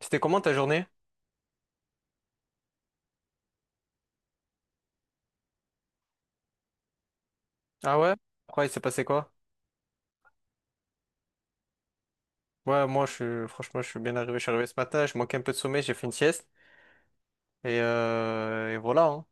C'était comment ta journée? Ah ouais? Ouais, il s'est passé quoi? Ouais, moi, franchement, je suis bien arrivé. Je suis arrivé ce matin, je manquais un peu de sommeil, j'ai fait une sieste. Et voilà, hein.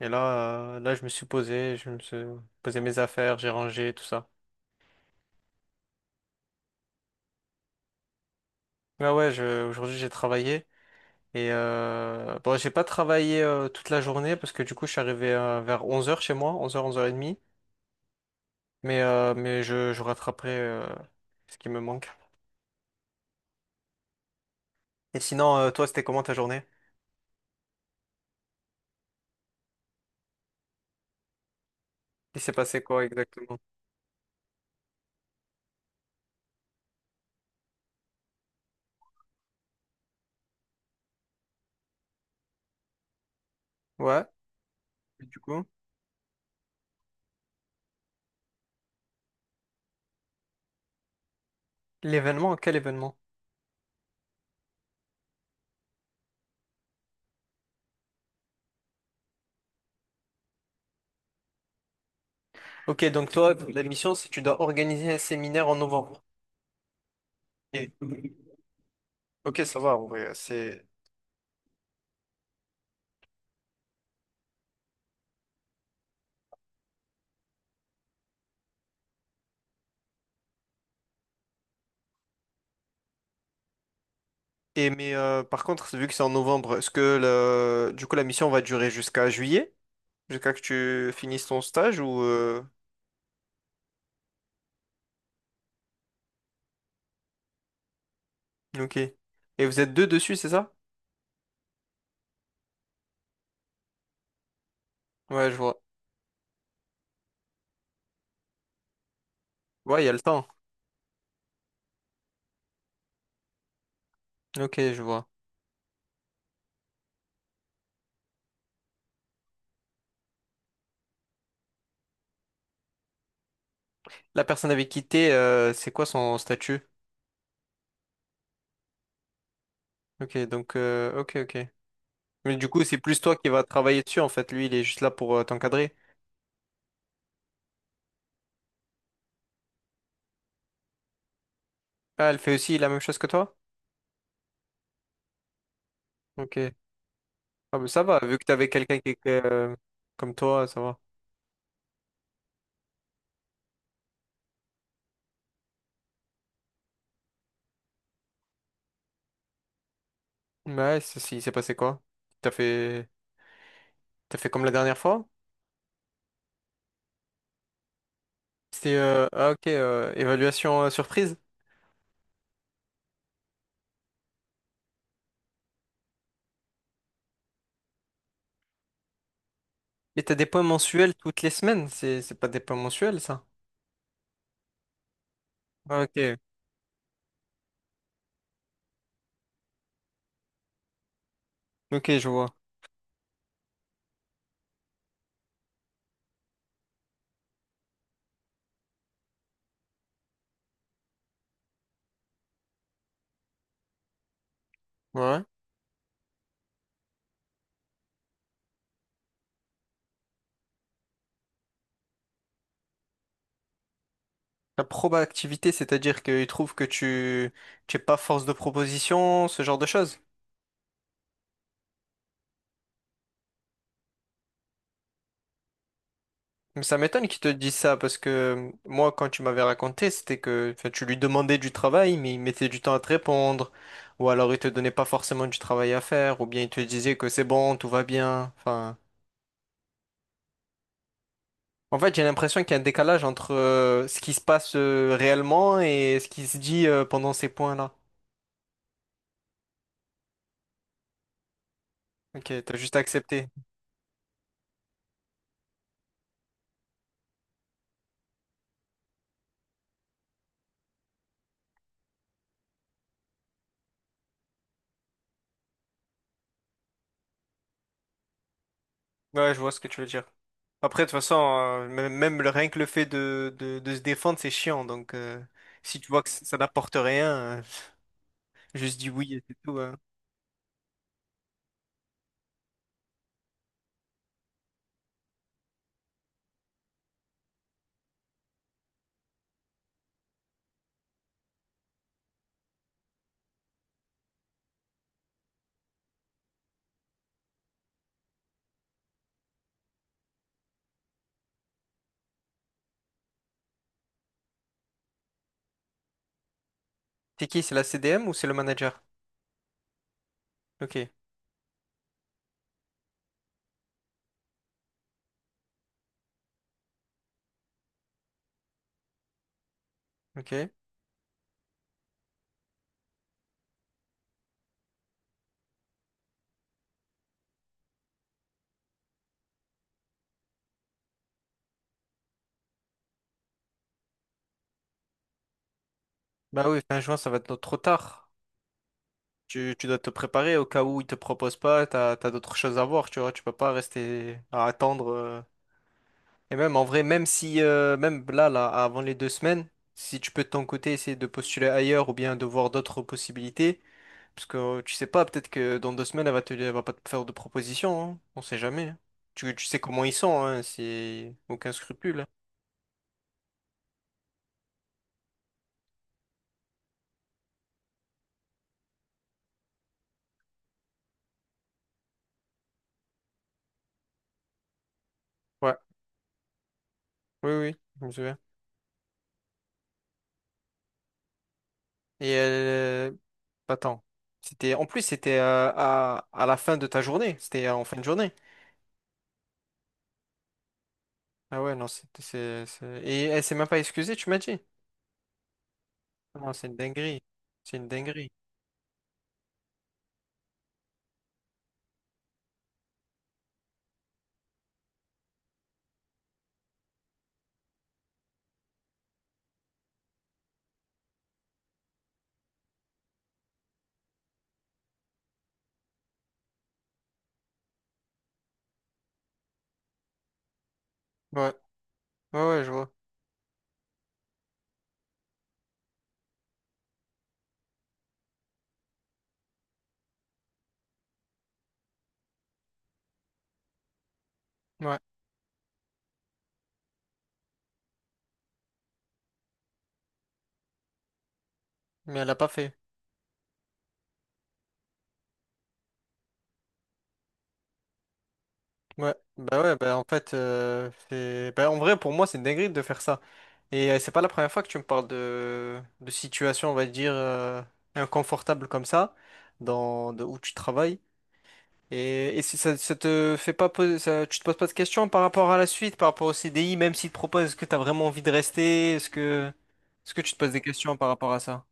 Et là, je me suis posé mes affaires, j'ai rangé, tout ça. Ah ouais, aujourd'hui, j'ai travaillé. Et bon, j'ai pas travaillé toute la journée parce que du coup, je suis arrivé vers 11 h chez moi, 11h, 11h30. Mais je rattraperai ce qui me manque. Et sinon, toi, c'était comment ta journée? Il s'est passé quoi exactement? Ouais, et du coup? L'événement, quel événement? Ok, donc toi, la mission, c'est que tu dois organiser un séminaire en novembre. Et- Ok, ça va, en vrai, c'est. Mais, par contre, vu que c'est en novembre, est-ce que du coup la mission va durer jusqu'à juillet? Jusqu'à que tu finisses ton stage Ok. Et vous êtes deux dessus, c'est ça? Ouais, je vois. Ouais, il y a le temps. Ok, je vois. La personne avait quitté c'est quoi son statut? Ok, donc, ok, ok. Mais du coup, c'est plus toi qui vas travailler dessus, en fait. Lui, il est juste là pour t'encadrer. Ah, elle fait aussi la même chose que toi? Ok. Ah, mais ça va, vu que t'avais quelqu'un qui était comme toi, ça va. Ouais, si, il s'est passé quoi? T'as fait... T'as fait comme la dernière fois? Ah, ok, évaluation surprise. Et t'as des points mensuels toutes les semaines, c'est pas des points mensuels, ça? Ah, ok, ok, je vois. Ouais. La proba activité, c'est-à-dire qu'ils trouvent que tu es pas force de proposition, ce genre de choses. Mais ça m'étonne qu'il te dise ça parce que moi, quand tu m'avais raconté, c'était que enfin, tu lui demandais du travail, mais il mettait du temps à te répondre, ou alors il te donnait pas forcément du travail à faire, ou bien il te disait que c'est bon, tout va bien. Enfin, en fait, j'ai l'impression qu'il y a un décalage entre ce qui se passe réellement et ce qui se dit pendant ces points-là. Ok, t'as juste accepté. Ouais, je vois ce que tu veux dire. Après, de toute façon, rien que le fait de se défendre, c'est chiant. Donc, si tu vois que ça n'apporte rien, juste dis oui et c'est tout, hein. C'est qui? C'est la CDM ou c'est le manager? Ok, ok. Bah oui, fin juin, ça va être trop tard. Tu dois te préparer au cas où ils te proposent pas, t'as d'autres choses à voir, tu vois, tu peux pas rester à attendre. Et même en vrai, même si, même là, avant les 2 semaines, si tu peux de ton côté essayer de postuler ailleurs ou bien de voir d'autres possibilités, parce que tu sais pas, peut-être que dans 2 semaines, elle va pas te faire de proposition, hein. On sait jamais, hein. Tu sais comment ils sont, hein, c'est aucun scrupule, hein. Ouais, oui, oui, je me souviens. Et attends, c'était, en plus, c'était à la fin de ta journée, c'était en fin de journée. Ah ouais, non, Et elle s'est même pas excusée, tu m'as dit? Non, c'est une dinguerie. C'est une dinguerie. Ouais, ouais, ouais, je vois. Ouais, mais elle l'a pas fait. Ouais, bah en fait, Bah en vrai, pour moi, c'est une dinguerie de faire ça. Et c'est pas la première fois que tu me parles de situation, on va dire, inconfortable comme ça, de où tu travailles. Et si ça te fait pas poser, ça, tu te poses pas de questions par rapport à la suite, par rapport au CDI, même s'il te propose, est-ce que tu as vraiment envie de rester? Est-ce que tu te poses des questions par rapport à ça?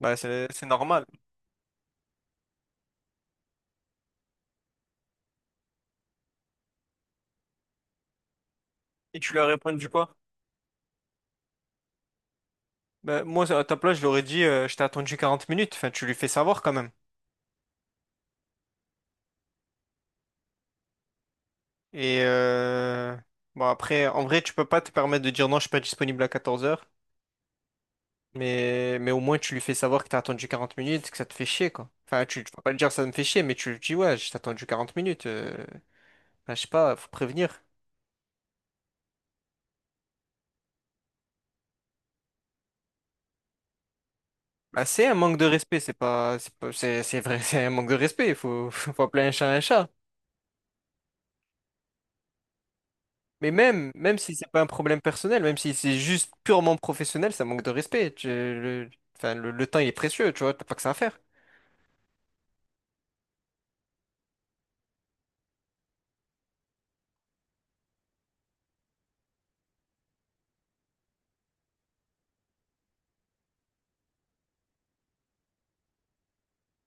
Bah, c'est normal. Et tu lui as répondu quoi? Bah, moi, à ta place, je lui aurais dit, je t'ai attendu 40 minutes. Enfin, tu lui fais savoir quand même. Et bon, après, en vrai, tu peux pas te permettre de dire non, je suis pas disponible à 14 h. Mais au moins, tu lui fais savoir que t'as attendu 40 minutes, que ça te fait chier, quoi. Enfin, tu peux pas lui dire ça me fait chier, mais tu lui dis, ouais, j'ai attendu 40 minutes. Bah, je sais pas, faut prévenir. Bah, c'est un manque de respect, c'est pas, c'est pas- c'est vrai, c'est un manque de respect. Il faut, faut appeler un chat un chat. Mais même si c'est pas un problème personnel, même si c'est juste purement professionnel, ça manque de respect. Enfin, le temps il est précieux, tu vois, t'as pas que ça à faire.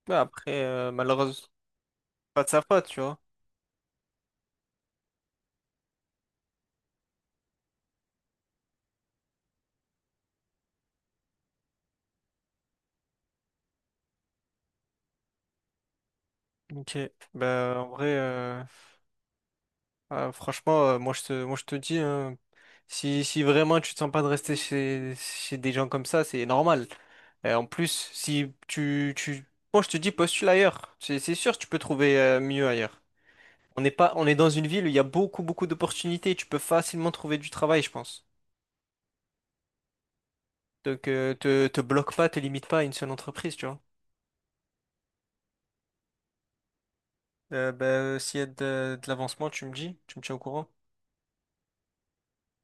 Bah, après, malheureusement, pas de sa faute, tu vois. Ok. Bah, en vrai. Ah, franchement, moi je te dis, hein, si vraiment tu te sens pas de rester chez des gens comme ça, c'est normal. En plus, si tu, tu, moi je te dis, postule ailleurs. C'est sûr, tu peux trouver mieux ailleurs. On n'est pas, on est dans une ville où il y a beaucoup, beaucoup d'opportunités. Tu peux facilement trouver du travail, je pense. Donc, te bloque pas, te limite pas à une seule entreprise, tu vois. Bah, s'il y a de l'avancement, tu me dis, tu me tiens au courant.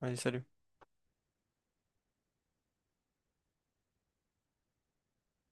Allez, salut.